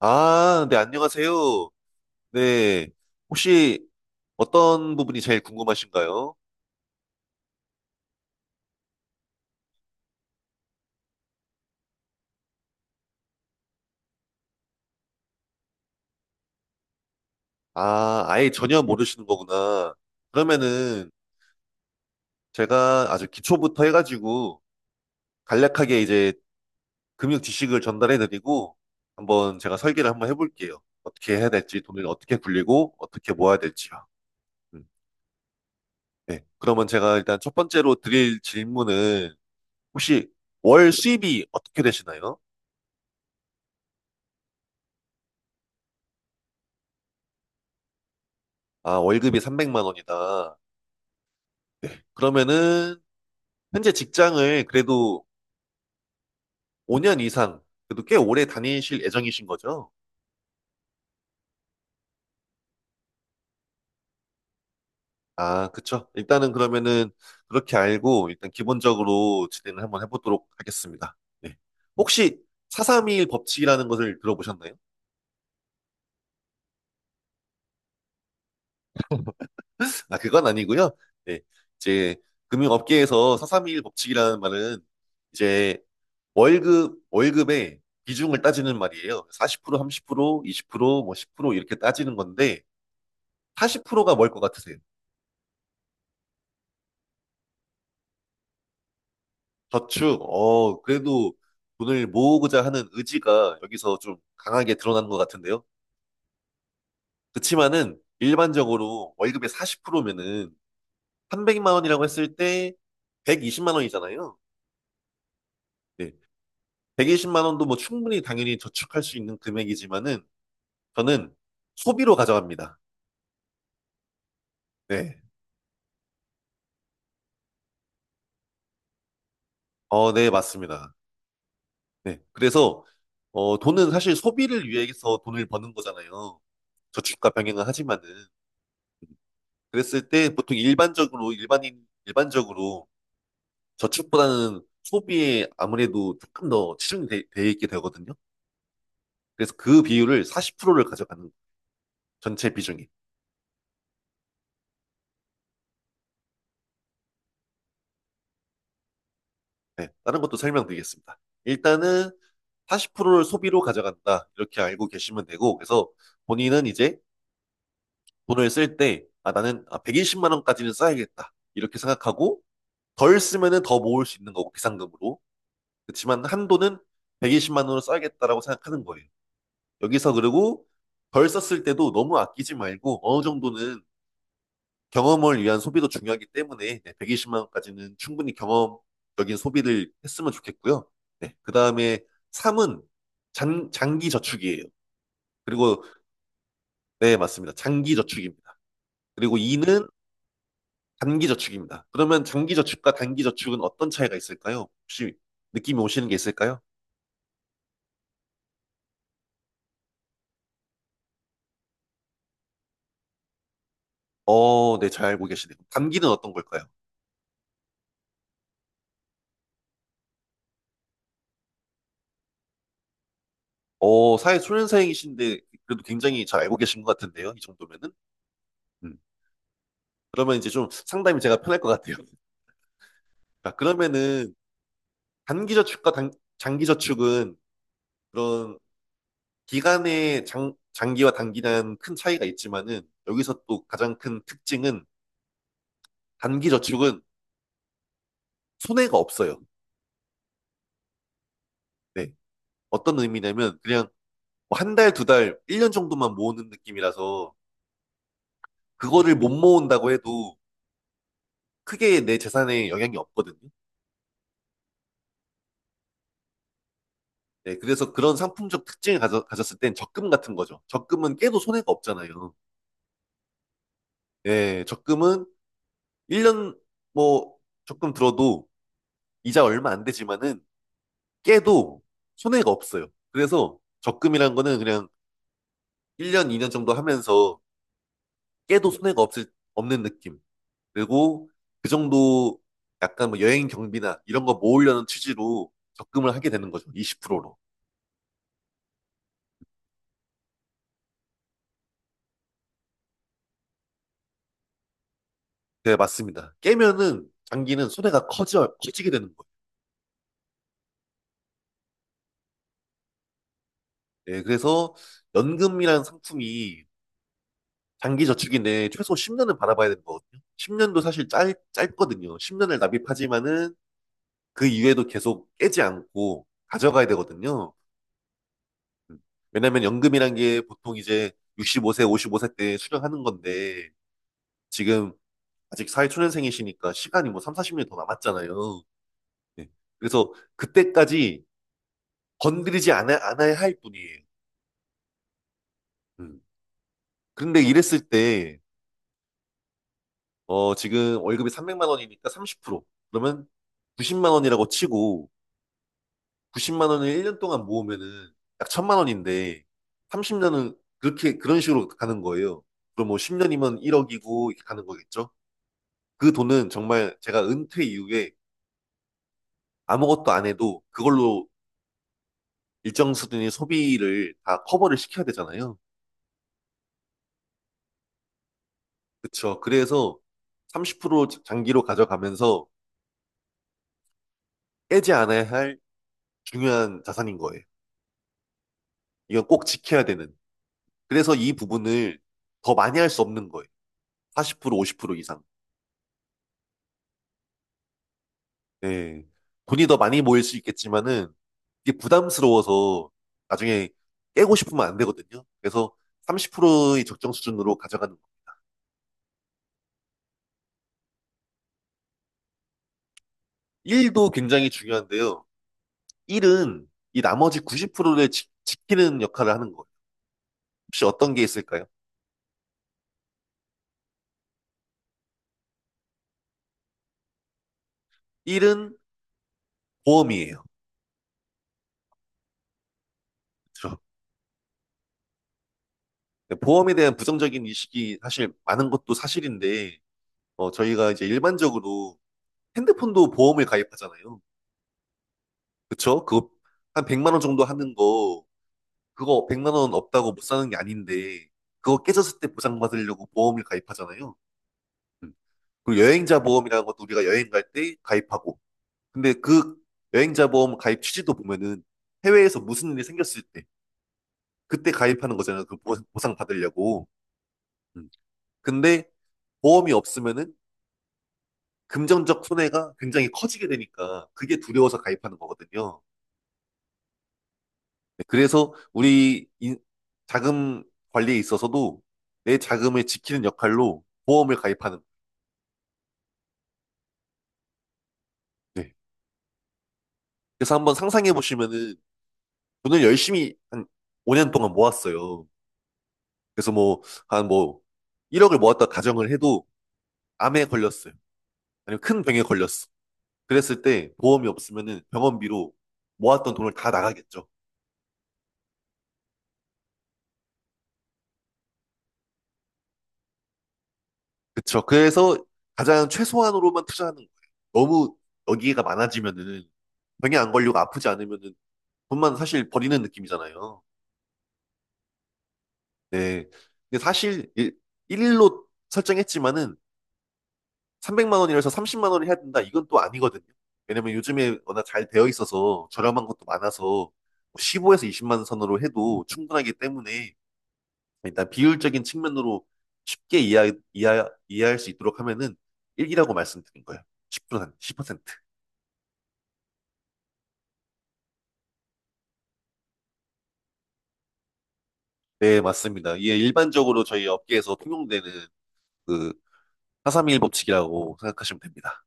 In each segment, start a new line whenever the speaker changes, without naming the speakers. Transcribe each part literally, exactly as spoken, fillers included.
아, 네, 안녕하세요. 네. 혹시 어떤 부분이 제일 궁금하신가요? 아, 아예 전혀 모르시는 거구나. 그러면은 제가 아주 기초부터 해가지고 간략하게 이제 금융 지식을 전달해드리고 한번 제가 설계를 한번 해볼게요. 어떻게 해야 될지, 돈을 어떻게 굴리고 어떻게 모아야 될지요. 음, 네. 그러면 제가 일단 첫 번째로 드릴 질문은 혹시 월 수입이 어떻게 되시나요? 아, 월급이 삼백만 원이다. 그러면은 현재 직장을 그래도 오 년 이상, 그래도 꽤 오래 다니실 예정이신 거죠? 아, 그쵸. 일단은 그러면은 그렇게 알고 일단 기본적으로 진행을 한번 해보도록 하겠습니다. 네. 혹시 사백삼십일 법칙이라는 것을 들어보셨나요? 아, 그건 아니고요. 네. 이제 금융업계에서 사삼일 법칙이라는 말은 이제 월급, 월급의 비중을 따지는 말이에요. 사십 퍼센트, 삼십 퍼센트, 이십 퍼센트, 뭐십 퍼센트 이렇게 따지는 건데 사십 퍼센트가 뭘 것 같으세요? 저축, 어, 그래도 돈을 모으고자 하는 의지가 여기서 좀 강하게 드러나는 것 같은데요. 그치만은 일반적으로 월급의 사십 퍼센트면은 삼백만 원이라고 했을 때 백이십만 원이잖아요. 네. 백이십만 원도 뭐 충분히 당연히 저축할 수 있는 금액이지만은 저는 소비로 가져갑니다. 네. 어, 네, 맞습니다. 네. 그래서 어, 돈은 사실 소비를 위해서 돈을 버는 거잖아요. 저축과 병행을 하지만은. 그랬을 때 보통 일반적으로 일반인 일반적으로 저축보다는 소비에 아무래도 조금 더 치중돼 돼돼 있게 되거든요. 그래서 그 비율을 사십 퍼센트를 가져가는 전체 비중이. 네, 다른 것도 설명드리겠습니다. 일단은 사십 퍼센트를 소비로 가져간다. 이렇게 알고 계시면 되고 그래서 본인은 이제 돈을 쓸 때 아, 나는 아, 백이십만 원까지는 써야겠다. 이렇게 생각하고 덜 쓰면은 더 모을 수 있는 거고 비상금으로. 그렇지만 한도는 백이십만 원으로 써야겠다라고 생각하는 거예요. 여기서 그리고 덜 썼을 때도 너무 아끼지 말고 어느 정도는 경험을 위한 소비도 중요하기 때문에 네, 백이십만 원까지는 충분히 경험적인 소비를 했으면 좋겠고요. 네, 그 다음에 삼은 장, 장기 저축이에요. 그리고 네, 맞습니다. 장기 저축입니다. 그리고 이는 단기 저축입니다. 그러면 장기 저축과 단기 저축은 어떤 차이가 있을까요? 혹시 느낌이 오시는 게 있을까요? 어, 네, 잘 알고 계시네요. 단기는 어떤 걸까요? 어, 사회 초년생이신데 그래도 굉장히 잘 알고 계신 것 같은데요. 이 정도면은. 음. 그러면 이제 좀 상담이 제가 편할 것 같아요. 자, 그러면은 단기저축과 단, 장기저축은 그런 기간의 장, 장기와 단기는 큰 차이가 있지만은 여기서 또 가장 큰 특징은 단기저축은 손해가 없어요. 네. 어떤 의미냐면 그냥 뭐한 달, 두 달, 일 년 정도만 모으는 느낌이라서 그거를 못 모은다고 해도 크게 내 재산에 영향이 없거든요. 네, 그래서 그런 상품적 특징을 가져, 가졌을 땐 적금 같은 거죠. 적금은 깨도 손해가 없잖아요. 예, 적금은 일 년 뭐 적금 들어도 이자 얼마 안 되지만은 깨도 손해가 없어요. 그래서 적금이란 거는 그냥 일 년, 이 년 정도 하면서 깨도 손해가 없을, 없는 느낌. 그리고 그 정도 약간 뭐 여행 경비나 이런 거 모으려는 취지로 적금을 하게 되는 거죠. 이십 퍼센트로. 네, 맞습니다. 깨면은 장기는 손해가 커져, 커지게 되는 거예요. 네, 그래서 연금이라는 상품이 장기 저축인데 최소 십 년은 받아봐야 되는 거거든요. 십 년도 사실 짧, 짧거든요. 십 년을 납입하지만은 그 이후에도 계속 깨지 않고 가져가야 되거든요. 음, 왜냐면 연금이란 게 보통 이제 육십오 세, 오십오 세 때 수령하는 건데 지금 아직 사회초년생이시니까 시간이 뭐 삼, 사십 년 더 남았잖아요. 네, 그래서 그때까지 건드리지 않아, 않아야 할 뿐이에요. 음, 그런데 이랬을 때 어, 지금 월급이 삼백만 원이니까 삼십 퍼센트. 그러면 구십만 원이라고 치고 구십만 원을 일 년 동안 모으면은 약 천만 원인데 삼십 년은 그렇게 그런 식으로 가는 거예요. 그럼 뭐 십 년이면 일억이고 이렇게 가는 거겠죠? 그 돈은 정말 제가 은퇴 이후에 아무것도 안 해도 그걸로 일정 수준의 소비를 다 커버를 시켜야 되잖아요. 그쵸. 그래서 삼십 퍼센트 장기로 가져가면서 깨지 않아야 할 중요한 자산인 거예요. 이건 꼭 지켜야 되는. 그래서 이 부분을 더 많이 할 수 없는 거예요. 사십 퍼센트 오십 퍼센트 이상. 네. 돈이 더 많이 모일 수 있겠지만은 이게 부담스러워서 나중에 깨고 싶으면 안 되거든요. 그래서 삼십 퍼센트의 적정 수준으로 가져가는 거. 일도 굉장히 중요한데요. 일은 이 나머지 구십 퍼센트를 지, 키는 역할을 하는 거예요. 혹시 어떤 게 있을까요? 일은 보험이에요. 그렇죠? 네, 보험에 대한 부정적인 인식이 사실 많은 것도 사실인데 어, 저희가 이제 일반적으로 핸드폰도 보험을 가입하잖아요. 그쵸? 그거 한 백만 원 정도 하는 거 그거 백만 원 없다고 못 사는 게 아닌데 그거 깨졌을 때 보상받으려고 보험을 가입하잖아요. 음. 그리고 여행자 보험이라는 것도 우리가 여행 갈 때 가입하고 근데 그 여행자 보험 가입 취지도 보면은 해외에서 무슨 일이 생겼을 때 그때 가입하는 거잖아요. 그 보- 보상 받으려고. 음. 근데 보험이 없으면은 금전적 손해가 굉장히 커지게 되니까 그게 두려워서 가입하는 거거든요. 네, 그래서 우리 인- 자금 관리에 있어서도 내 자금을 지키는 역할로 보험을 가입하는 거예요. 네. 그래서 한번 상상해 보시면은 돈을 열심히 한 오 년 동안 모았어요. 그래서 뭐 한 뭐 일억을 모았다 가정을 해도 암에 걸렸어요. 아니면 큰 병에 걸렸어. 그랬을 때 보험이 없으면은 병원비로 모았던 돈을 다 나가겠죠. 그쵸. 그래서 가장 최소한으로만 투자하는 거예요. 너무 여기가 많아지면은 병에 안 걸리고 아프지 않으면은 돈만 사실 버리는 느낌이잖아요. 네. 근데 사실 일, 일로 설정했지만은 삼백만 원이라서 삼십만 원을 해야 된다. 이건 또 아니거든요. 왜냐면 요즘에 워낙 잘 되어 있어서 저렴한 것도 많아서 십오에서 이십만 원 선으로 해도 충분하기 때문에 일단 비율적인 측면으로 쉽게 이해, 이해, 이해할 수 있도록 하면은 일이라고 말씀드린 거예요. 십 퍼센트, 센트 네, 맞습니다. 이게 일반적으로 저희 업계에서 통용되는 그사삼일 법칙이라고 생각하시면 됩니다.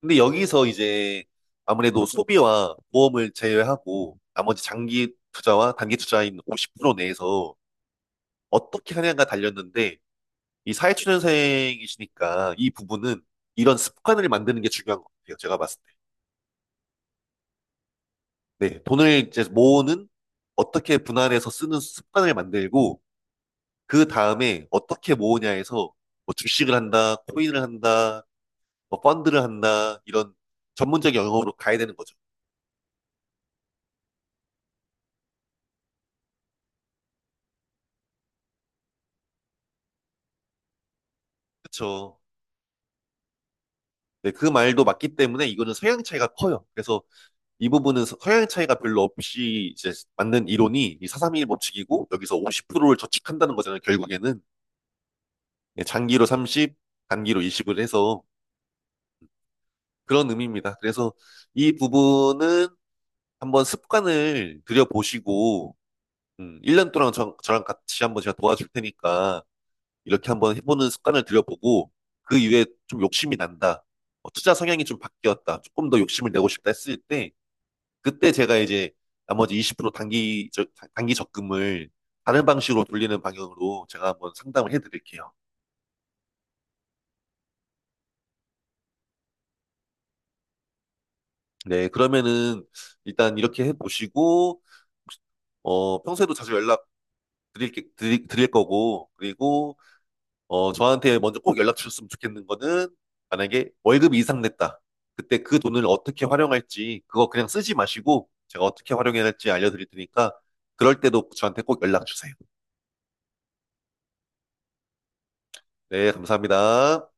근데 여기서 이제 아무래도 소비와 보험을 제외하고 나머지 장기 투자와 단기 투자인 오십 퍼센트 내에서 어떻게 하냐가 달렸는데 이 사회초년생이시니까 이 부분은 이런 습관을 만드는 게 중요한 것 같아요. 제가 봤을 때. 네, 돈을 이제 모으는 어떻게 분할해서 쓰는 습관을 만들고 그 다음에 어떻게 모으냐 해서 뭐 주식을 한다, 코인을 한다, 뭐 펀드를 한다 이런 전문적 영역으로 가야 되는 거죠. 그렇죠. 네, 그 말도 맞기 때문에 이거는 성향 차이가 커요. 그래서 이 부분은 서- 성향 차이가 별로 없이 이제 맞는 이론이 이 사백삼십일 법칙이고 여기서 오십 퍼센트를 저축한다는 거잖아요. 결국에는 예, 장기로 삼십, 단기로 이십을 해서 그런 의미입니다. 그래서 이 부분은 한번 습관을 들여보시고 음, 일 년 동안 저, 저랑 같이 한번 제가 도와줄 테니까 이렇게 한번 해보는 습관을 들여보고 그 이후에 좀 욕심이 난다. 어, 투자 성향이 좀 바뀌었다. 조금 더 욕심을 내고 싶다 했을 때 그때 제가 이제 나머지 이십 퍼센트 단기, 저- 단기 적금을 다른 방식으로 돌리는 방향으로 제가 한번 상담을 해드릴게요. 네, 그러면은 일단 이렇게 해보시고, 어, 평소에도 자주 연락 드릴, 게- 드릴, 드릴 거고, 그리고, 어, 저한테 먼저 꼭 연락 주셨으면 좋겠는 거는 만약에 월급 이상 냈다. 그때 그 돈을 어떻게 활용할지, 그거 그냥 쓰지 마시고, 제가 어떻게 활용해야 할지 알려드릴 테니까, 그럴 때도 저한테 꼭 연락 주세요. 네, 감사합니다.